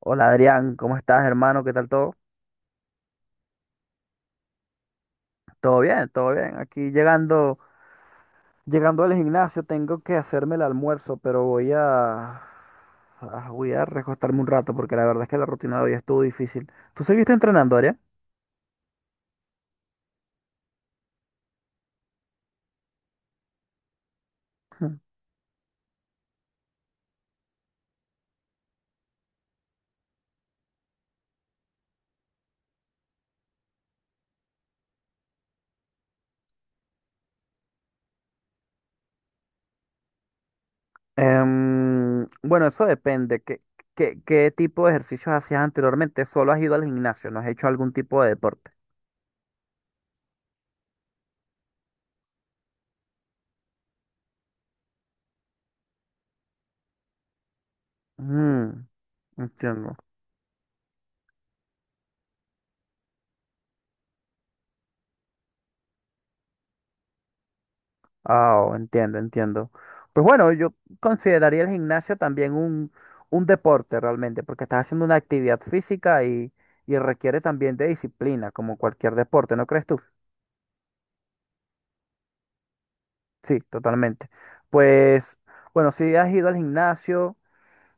Hola Adrián, ¿cómo estás, hermano? ¿Qué tal todo? Todo bien, todo bien. Aquí llegando, llegando al gimnasio, tengo que hacerme el almuerzo, pero voy a recostarme un rato porque la verdad es que la rutina de hoy estuvo difícil. ¿Tú seguiste entrenando, Adrián? Bueno, eso depende. ¿Qué tipo de ejercicios hacías anteriormente? Solo has ido al gimnasio, ¿no has hecho algún tipo de deporte? Mm, Entiendo. Ah, oh, entiendo, entiendo. Pues bueno, yo consideraría el gimnasio también un deporte realmente, porque estás haciendo una actividad física y requiere también de disciplina, como cualquier deporte, ¿no crees tú? Sí, totalmente. Pues bueno, si has ido al gimnasio.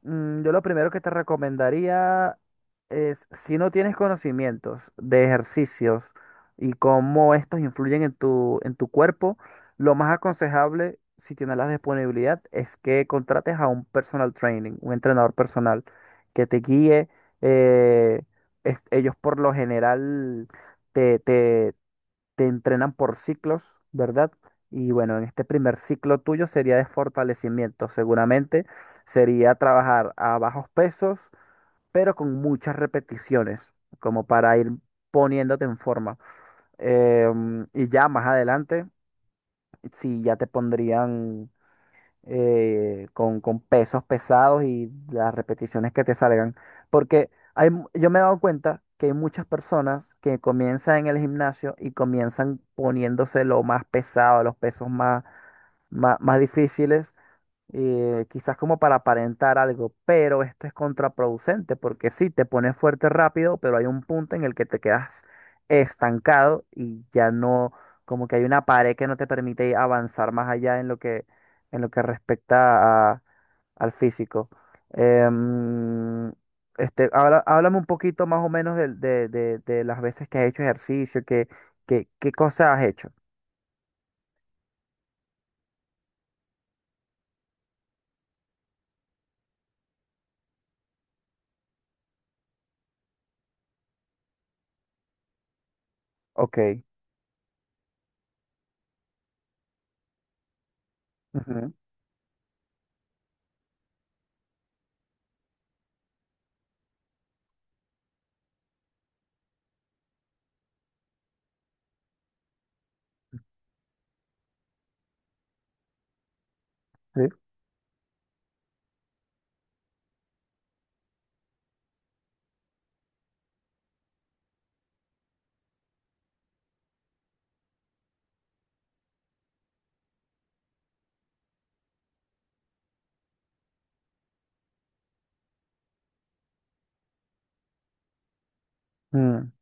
Mm. Yo lo primero que te recomendaría es, si no tienes conocimientos de ejercicios y cómo estos influyen en tu cuerpo, lo más aconsejable, si tienes la disponibilidad, es que contrates a un personal training, un entrenador personal que te guíe. eh, Ellos por lo general te entrenan por ciclos, ¿verdad? Y bueno, en este primer ciclo tuyo sería de fortalecimiento, seguramente sería trabajar a bajos pesos, pero con muchas repeticiones, como para ir poniéndote en forma. Y ya más adelante, si ya te pondrían con pesos pesados y las repeticiones que te salgan. Porque yo me he dado cuenta que hay muchas personas que comienzan en el gimnasio y comienzan poniéndose lo más pesado, los pesos más difíciles, quizás como para aparentar algo, pero esto es contraproducente porque sí, te pones fuerte rápido, pero hay un punto en el que te quedas estancado y ya no, como que hay una pared que no te permite avanzar más allá en lo que al físico. Em, Háblame un poquito más o menos de, de las veces que has hecho ejercicio, qué cosas has hecho. Ok. Ujú, sí. Mm,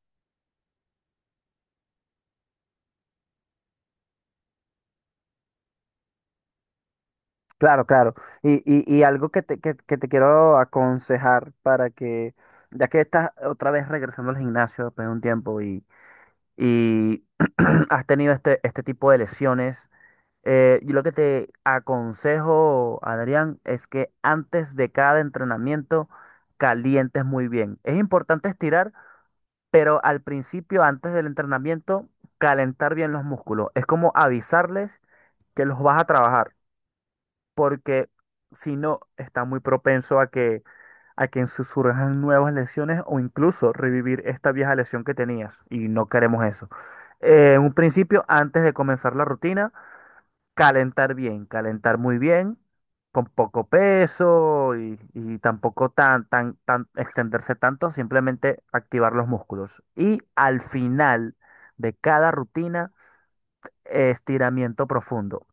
claro, claro. Y algo que que te quiero aconsejar para que, ya que estás otra vez regresando al gimnasio después de un tiempo y has tenido este, este tipo de lesiones. Yo lo que te aconsejo, Adrián, es que antes de cada entrenamiento calientes muy bien. Es importante estirar, pero al principio, antes del entrenamiento, calentar bien los músculos. Es como avisarles que los vas a trabajar, porque si no, está muy propenso a que surjan nuevas lesiones o incluso revivir esta vieja lesión que tenías y no queremos eso. En un principio, antes de comenzar la rutina. Calentar bien, calentar muy bien, con poco peso y tampoco tan extenderse tanto, simplemente activar los músculos. Y al final de cada rutina, estiramiento profundo.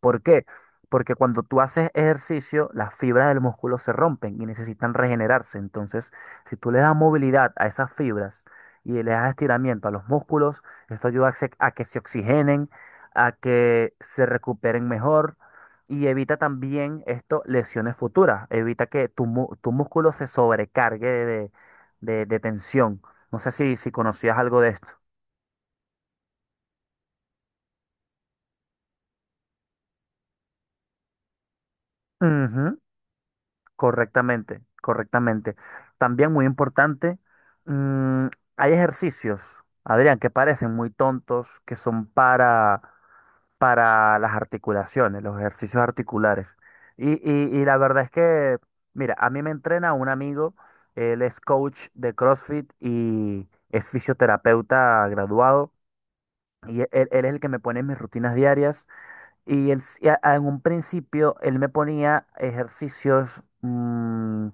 ¿Por qué? Porque cuando tú haces ejercicio, las fibras del músculo se rompen y necesitan regenerarse. Entonces, si tú le das movilidad a esas fibras y le das estiramiento a los músculos, esto ayuda a que se oxigenen, a que se recuperen mejor y evita también esto lesiones futuras. Evita que tu músculo se sobrecargue de, de tensión. No sé si, si conocías algo de esto. Ujú. Correctamente, correctamente. También muy importante, mm, hay ejercicios, Adrián, que parecen muy tontos, que son para las articulaciones, los ejercicios articulares. Y la verdad es que, mira, a mí me entrena un amigo, él es coach de CrossFit y es fisioterapeuta graduado. Él es el que me pone mis rutinas diarias. Y él, s- y a- En un principio, él me ponía ejercicios, mm,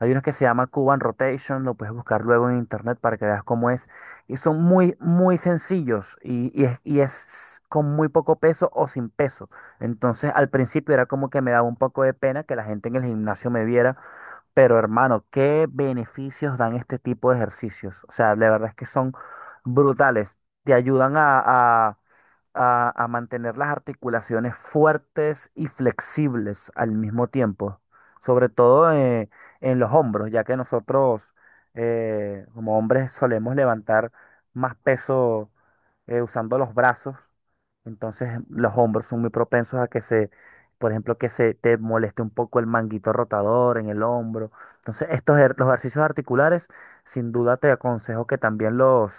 hay unos que se llama Cuban Rotation, lo puedes buscar luego en internet para que veas cómo es. Y son muy, muy sencillos y, y es con muy poco peso o sin peso. Entonces al principio era como que me daba un poco de pena que la gente en el gimnasio me viera, pero hermano, ¿qué beneficios dan este tipo de ejercicios? O sea, de verdad es que son brutales. Te ayudan a, a mantener las articulaciones fuertes y flexibles al mismo tiempo. Sobre todo, en los hombros, ya que nosotros, como hombres, solemos levantar más peso, usando los brazos. Entonces los hombros son muy propensos a que se, por ejemplo, que se te moleste un poco el manguito rotador en el hombro. Entonces, los ejercicios articulares, sin duda te aconsejo que también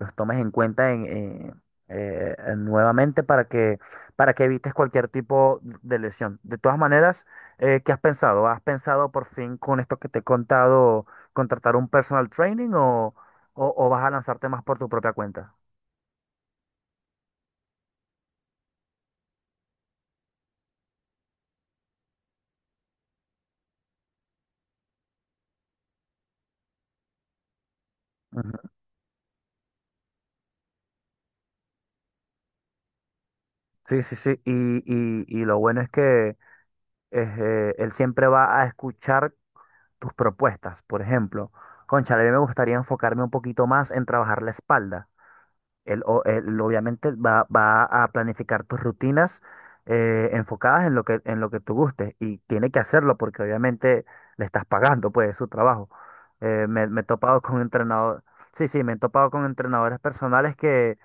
los tomes en cuenta en nuevamente para que evites cualquier tipo de lesión. De todas maneras, ¿qué has pensado? ¿Has pensado por fin con esto que te he contado contratar un personal training o, o vas a lanzarte más por tu propia cuenta? Ujú. Sí, sí, sí. Y lo bueno es que es, él siempre va a escuchar tus propuestas. Por ejemplo, cónchale, a mí me gustaría enfocarme un poquito más en trabajar la espalda. Él obviamente va a planificar tus rutinas, enfocadas en lo que tú gustes, y tiene que hacerlo porque obviamente le estás pagando pues su trabajo. Me he topado con entrenador, sí, sí, me he topado con entrenadores personales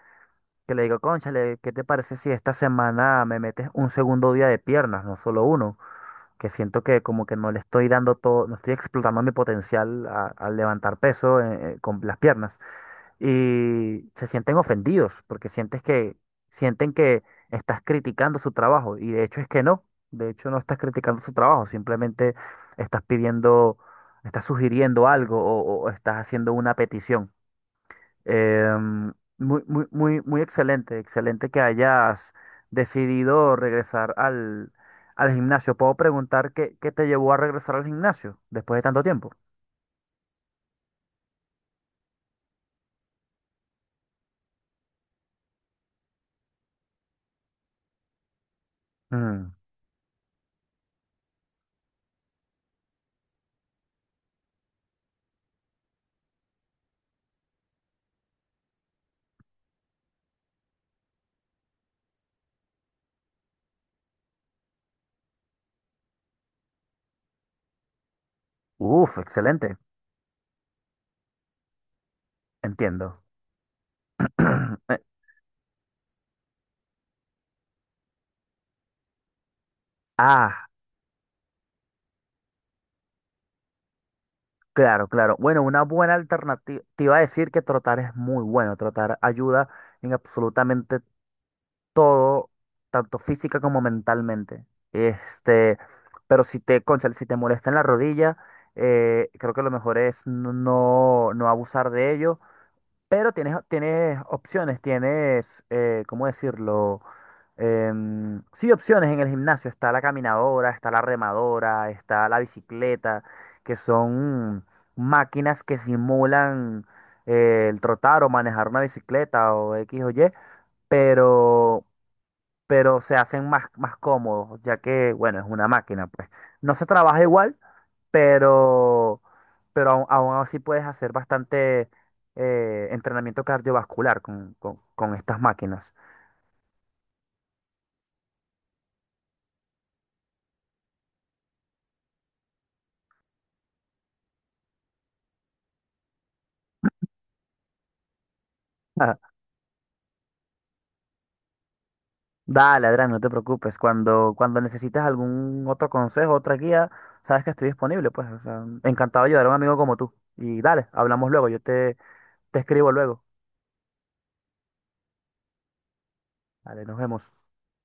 que le digo, cónchale, ¿qué te parece si esta semana me metes un segundo día de piernas, no solo uno? Que siento que como que no le estoy dando todo, no estoy explotando mi potencial al levantar peso, con las piernas. Y se sienten ofendidos porque sientes que, sienten que estás criticando su trabajo, y de hecho es que no, de hecho no estás criticando su trabajo, simplemente estás pidiendo, estás sugiriendo algo o estás haciendo una petición. Muy excelente, excelente que hayas decidido regresar al, al gimnasio. ¿Puedo preguntar qué te llevó a regresar al gimnasio después de tanto tiempo? Mm. Uf, excelente, entiendo. Eh, ah, claro, claro. Bueno, una buena alternativa. Te iba a decir que trotar es muy bueno. Trotar ayuda en absolutamente todo, tanto física como mentalmente. Este, pero si te, cónchale, si te molesta en la rodilla, creo que lo mejor es no, no, no abusar de ello. Pero tienes, tienes opciones, tienes, ¿cómo decirlo? Em, sí, opciones en el gimnasio. Está la caminadora, está la remadora, está la bicicleta, que son máquinas que simulan, el trotar o manejar una bicicleta o X o Y. Pero pero se hacen más, más cómodos, ya que, bueno, es una máquina, pues. No se trabaja igual, pero, pero aún así puedes hacer bastante, entrenamiento cardiovascular con estas máquinas. Dale, Adrián, no te preocupes. Cuando, cuando necesites algún otro consejo, otra guía, sabes que estoy disponible, pues. O sea, encantado de ayudar a un amigo como tú. Y dale, hablamos luego, te escribo luego. Dale, nos vemos.